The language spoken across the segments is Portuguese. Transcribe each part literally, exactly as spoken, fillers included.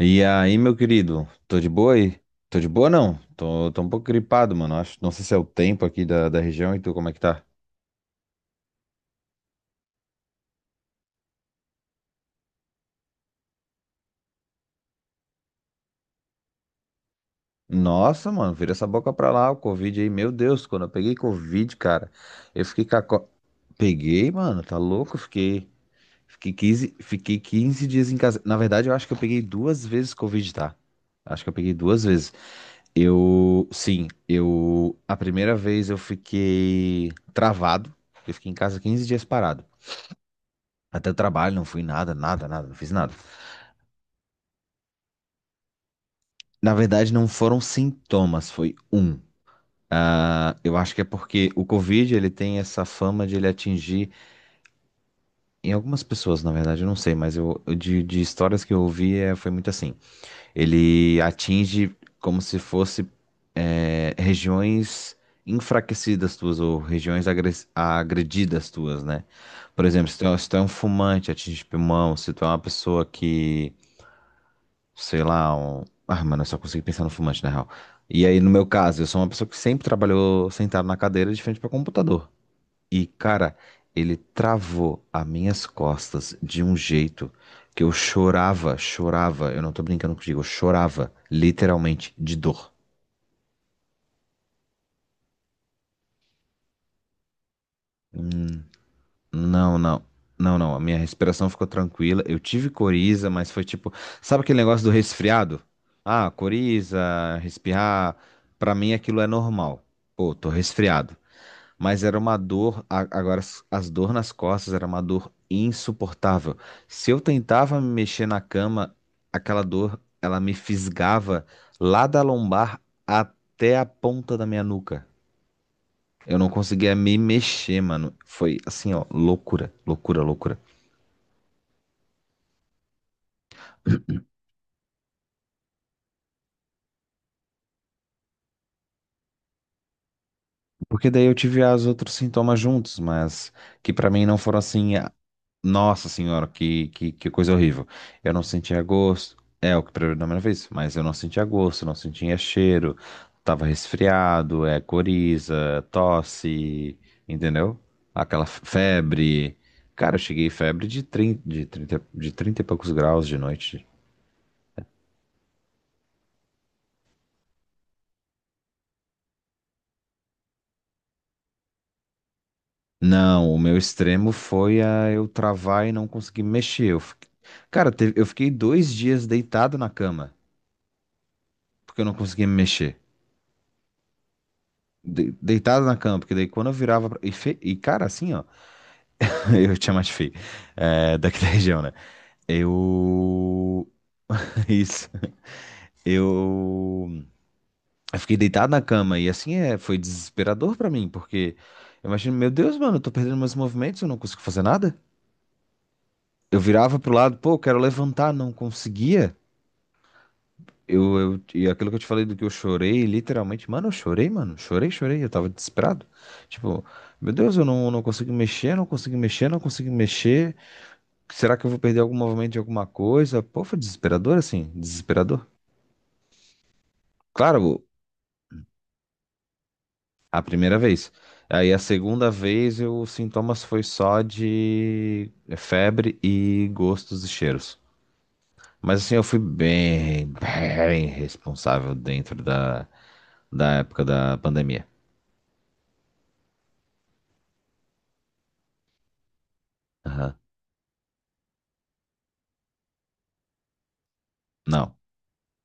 E aí, meu querido, tô de boa aí? Tô de boa não, tô, tô um pouco gripado, mano, acho, não sei se é o tempo aqui da, da região e tu, como é que tá? Nossa, mano, vira essa boca pra lá, o Covid aí, meu Deus, quando eu peguei Covid, cara, eu fiquei com a... co- Peguei, mano, tá louco? Fiquei, fiquei quinze, fiquei quinze dias em casa. Na verdade, eu acho que eu peguei duas vezes Covid, tá? Acho que eu peguei duas vezes. Eu, sim, eu, a primeira vez eu fiquei travado, eu fiquei em casa quinze dias parado. Até o trabalho, não fui nada, nada, nada, não fiz nada. Na verdade, não foram sintomas, foi um. Ah, eu acho que é porque o Covid, ele tem essa fama de ele atingir, em algumas pessoas, na verdade, eu não sei, mas eu, eu- de, de histórias que eu ouvi, é, foi muito assim. Ele atinge como se fosse é, regiões enfraquecidas tuas ou regiões agres- agredidas tuas, né? Por exemplo, se tu é, se tu é um fumante, atinge pulmão, se tu é uma pessoa que sei lá, um... Ah, mano, eu só consigo pensar no fumante, na real. E aí, no meu caso, eu sou uma pessoa que sempre trabalhou sentado na cadeira de frente para computador. E, cara, ele travou as minhas costas de um jeito que eu chorava, chorava. Eu não tô brincando contigo, eu chorava, literalmente, de dor. Não, não. Não, não, a minha respiração ficou tranquila. Eu tive coriza, mas foi tipo, sabe aquele negócio do resfriado? Ah, coriza, respirar, pra mim aquilo é normal. Pô, tô resfriado. Mas era uma dor, a- agora as as dor nas costas era uma dor insuportável. Se eu tentava me mexer na cama, aquela dor, ela me fisgava lá da lombar até a ponta da minha nuca. Eu não conseguia me mexer, mano. Foi assim, ó, loucura, loucura, loucura. Porque daí eu tive os outros sintomas juntos, mas que pra mim não foram assim, ah, nossa senhora, que, que, que coisa horrível. Eu não sentia gosto, é o que predominou na primeira vez, mas eu não sentia gosto, não sentia cheiro, tava resfriado, é coriza, tosse, entendeu? Aquela f- febre. Cara, eu cheguei febre de trinta de trinta de trinta e poucos graus de noite. Não, o meu extremo foi a eu travar e não conseguir me mexer. Eu fiquei- Cara, teve- eu fiquei dois dias deitado na cama, porque eu não conseguia me mexer. De- Deitado na cama, porque daí quando eu virava. pra- E, fe- e, cara, assim, ó. Eu tinha mais feio. É, daqui da região, né? Eu. Isso. Eu. Eu fiquei deitado na cama e assim é, foi desesperador pra mim, porque eu imagino, meu Deus, mano, eu tô perdendo meus movimentos, eu não consigo fazer nada. Eu virava pro lado, pô, eu quero levantar, não conseguia. Eu, eu, e aquilo que eu te falei do que eu chorei, literalmente, mano, eu chorei, mano, chorei, chorei, eu tava desesperado. Tipo, meu Deus, eu não, não consigo mexer, não consigo mexer, não consigo mexer. Será que eu vou perder algum movimento de alguma coisa? Pô, foi desesperador assim, desesperador. Claro, a primeira vez. Aí a segunda vez, eu, os sintomas foi só de febre e gostos e cheiros. Mas assim, eu fui bem, bem responsável dentro da, da época da pandemia. Aham. Não.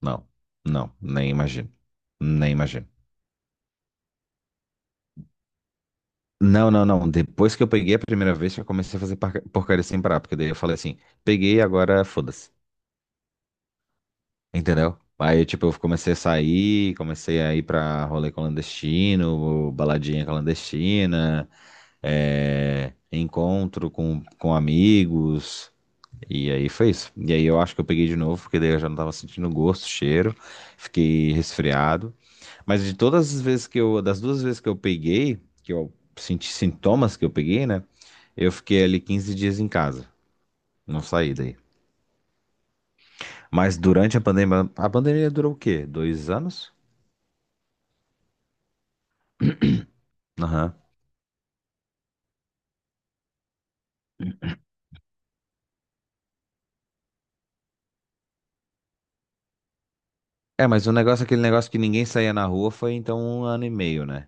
Não, não, nem imagino. Nem imagino. Não, não, não. Depois que eu peguei a primeira vez, que eu comecei a fazer parca- porcaria sem parar. Porque daí eu falei assim, peguei, agora foda-se. Entendeu? Aí, tipo, eu comecei a sair, comecei a ir pra rolê clandestino, baladinha clandestina, é, encontro com, com amigos. E aí foi isso. E aí eu acho que eu peguei de novo, porque daí eu já não tava sentindo gosto, cheiro. Fiquei resfriado. Mas de todas as vezes que eu, das duas vezes que eu peguei, que eu senti sintomas que eu peguei, né? Eu fiquei ali quinze dias em casa, não saí daí. Mas durante a pandemia, a pandemia durou o quê? Dois anos? Aham. É, mas o negócio, aquele negócio que ninguém saía na rua foi então um ano e meio, né?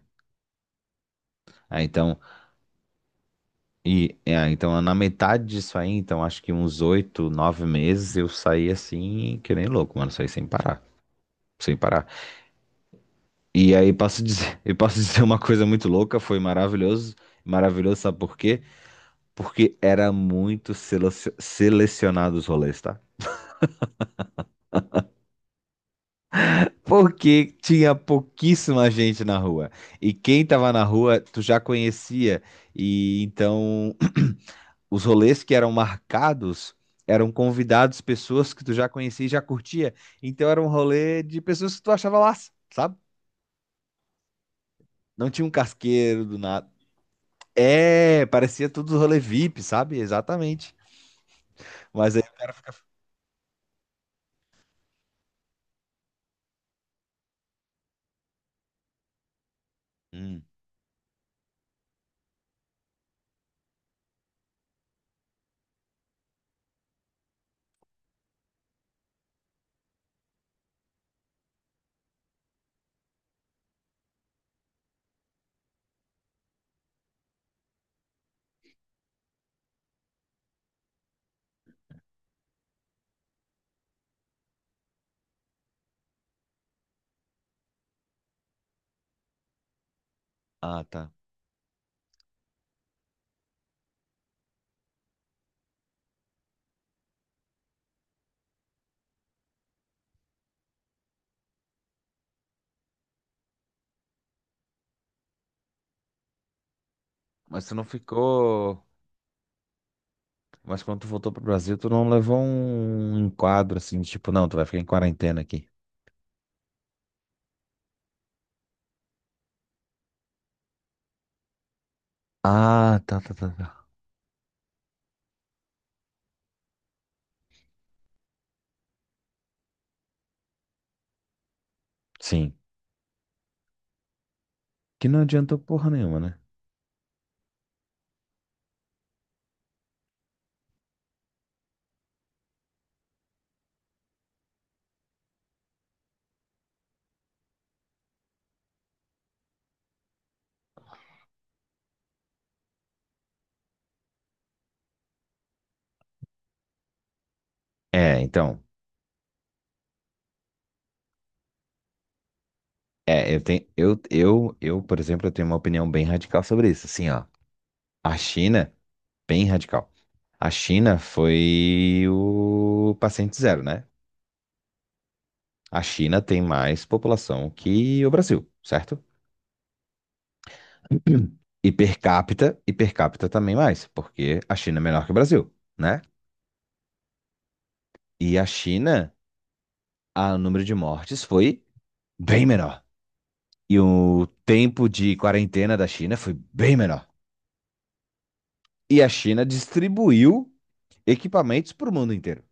Ah, então, e, é, então na metade disso aí, então acho que uns oito, nove meses eu saí assim, que nem louco, mano, saí sem parar, sem parar. E aí posso dizer, eu posso dizer uma coisa muito louca, foi maravilhoso. Maravilhoso, sabe por quê? Porque era muito selecio- selecionado os rolês, tá? Porque tinha pouquíssima gente na rua. E quem tava na rua, tu já conhecia. E então, os rolês que eram marcados eram convidados pessoas que tu já conhecia e já curtia. Então era um rolê de pessoas que tu achava lá, sabe? Não tinha um casqueiro do nada. É, parecia tudo rolê VIP, sabe? Exatamente. Mas aí. Hum, ah, tá. Mas tu não ficou. Mas quando tu voltou pro Brasil, tu não levou um enquadro assim, tipo, não, tu vai ficar em quarentena aqui. Ah, tá, tá, tá, tá. Sim. Que não adiantou porra nenhuma, né? É, então. É, eu tenho. Eu, eu, eu, por exemplo, eu tenho uma opinião bem radical sobre isso. Assim, ó. A China, bem radical. A China foi o paciente zero, né? A China tem mais população que o Brasil, certo? E per capita, e per capita também mais, porque a China é menor que o Brasil, né? E a China, a- o número de mortes foi bem menor. E o tempo de quarentena da China foi bem menor. E a China distribuiu equipamentos para o mundo inteiro.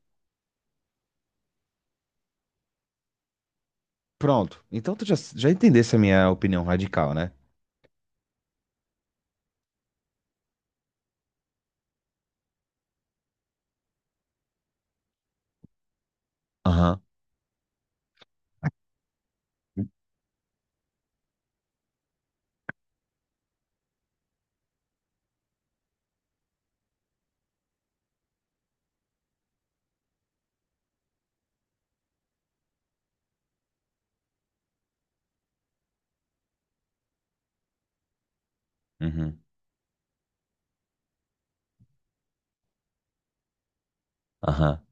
Pronto. Então tu já, já entendesse a minha opinião radical, né? Aham. Uhum. Aham.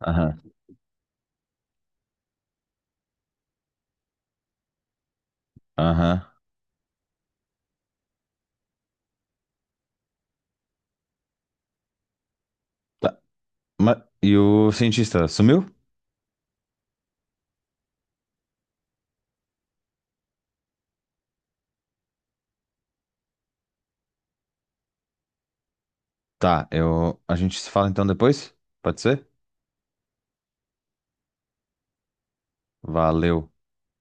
Aham. Aham. Tá. Ma- E o cientista sumiu? Tá, eu... a gente se fala então depois? Pode ser? Valeu.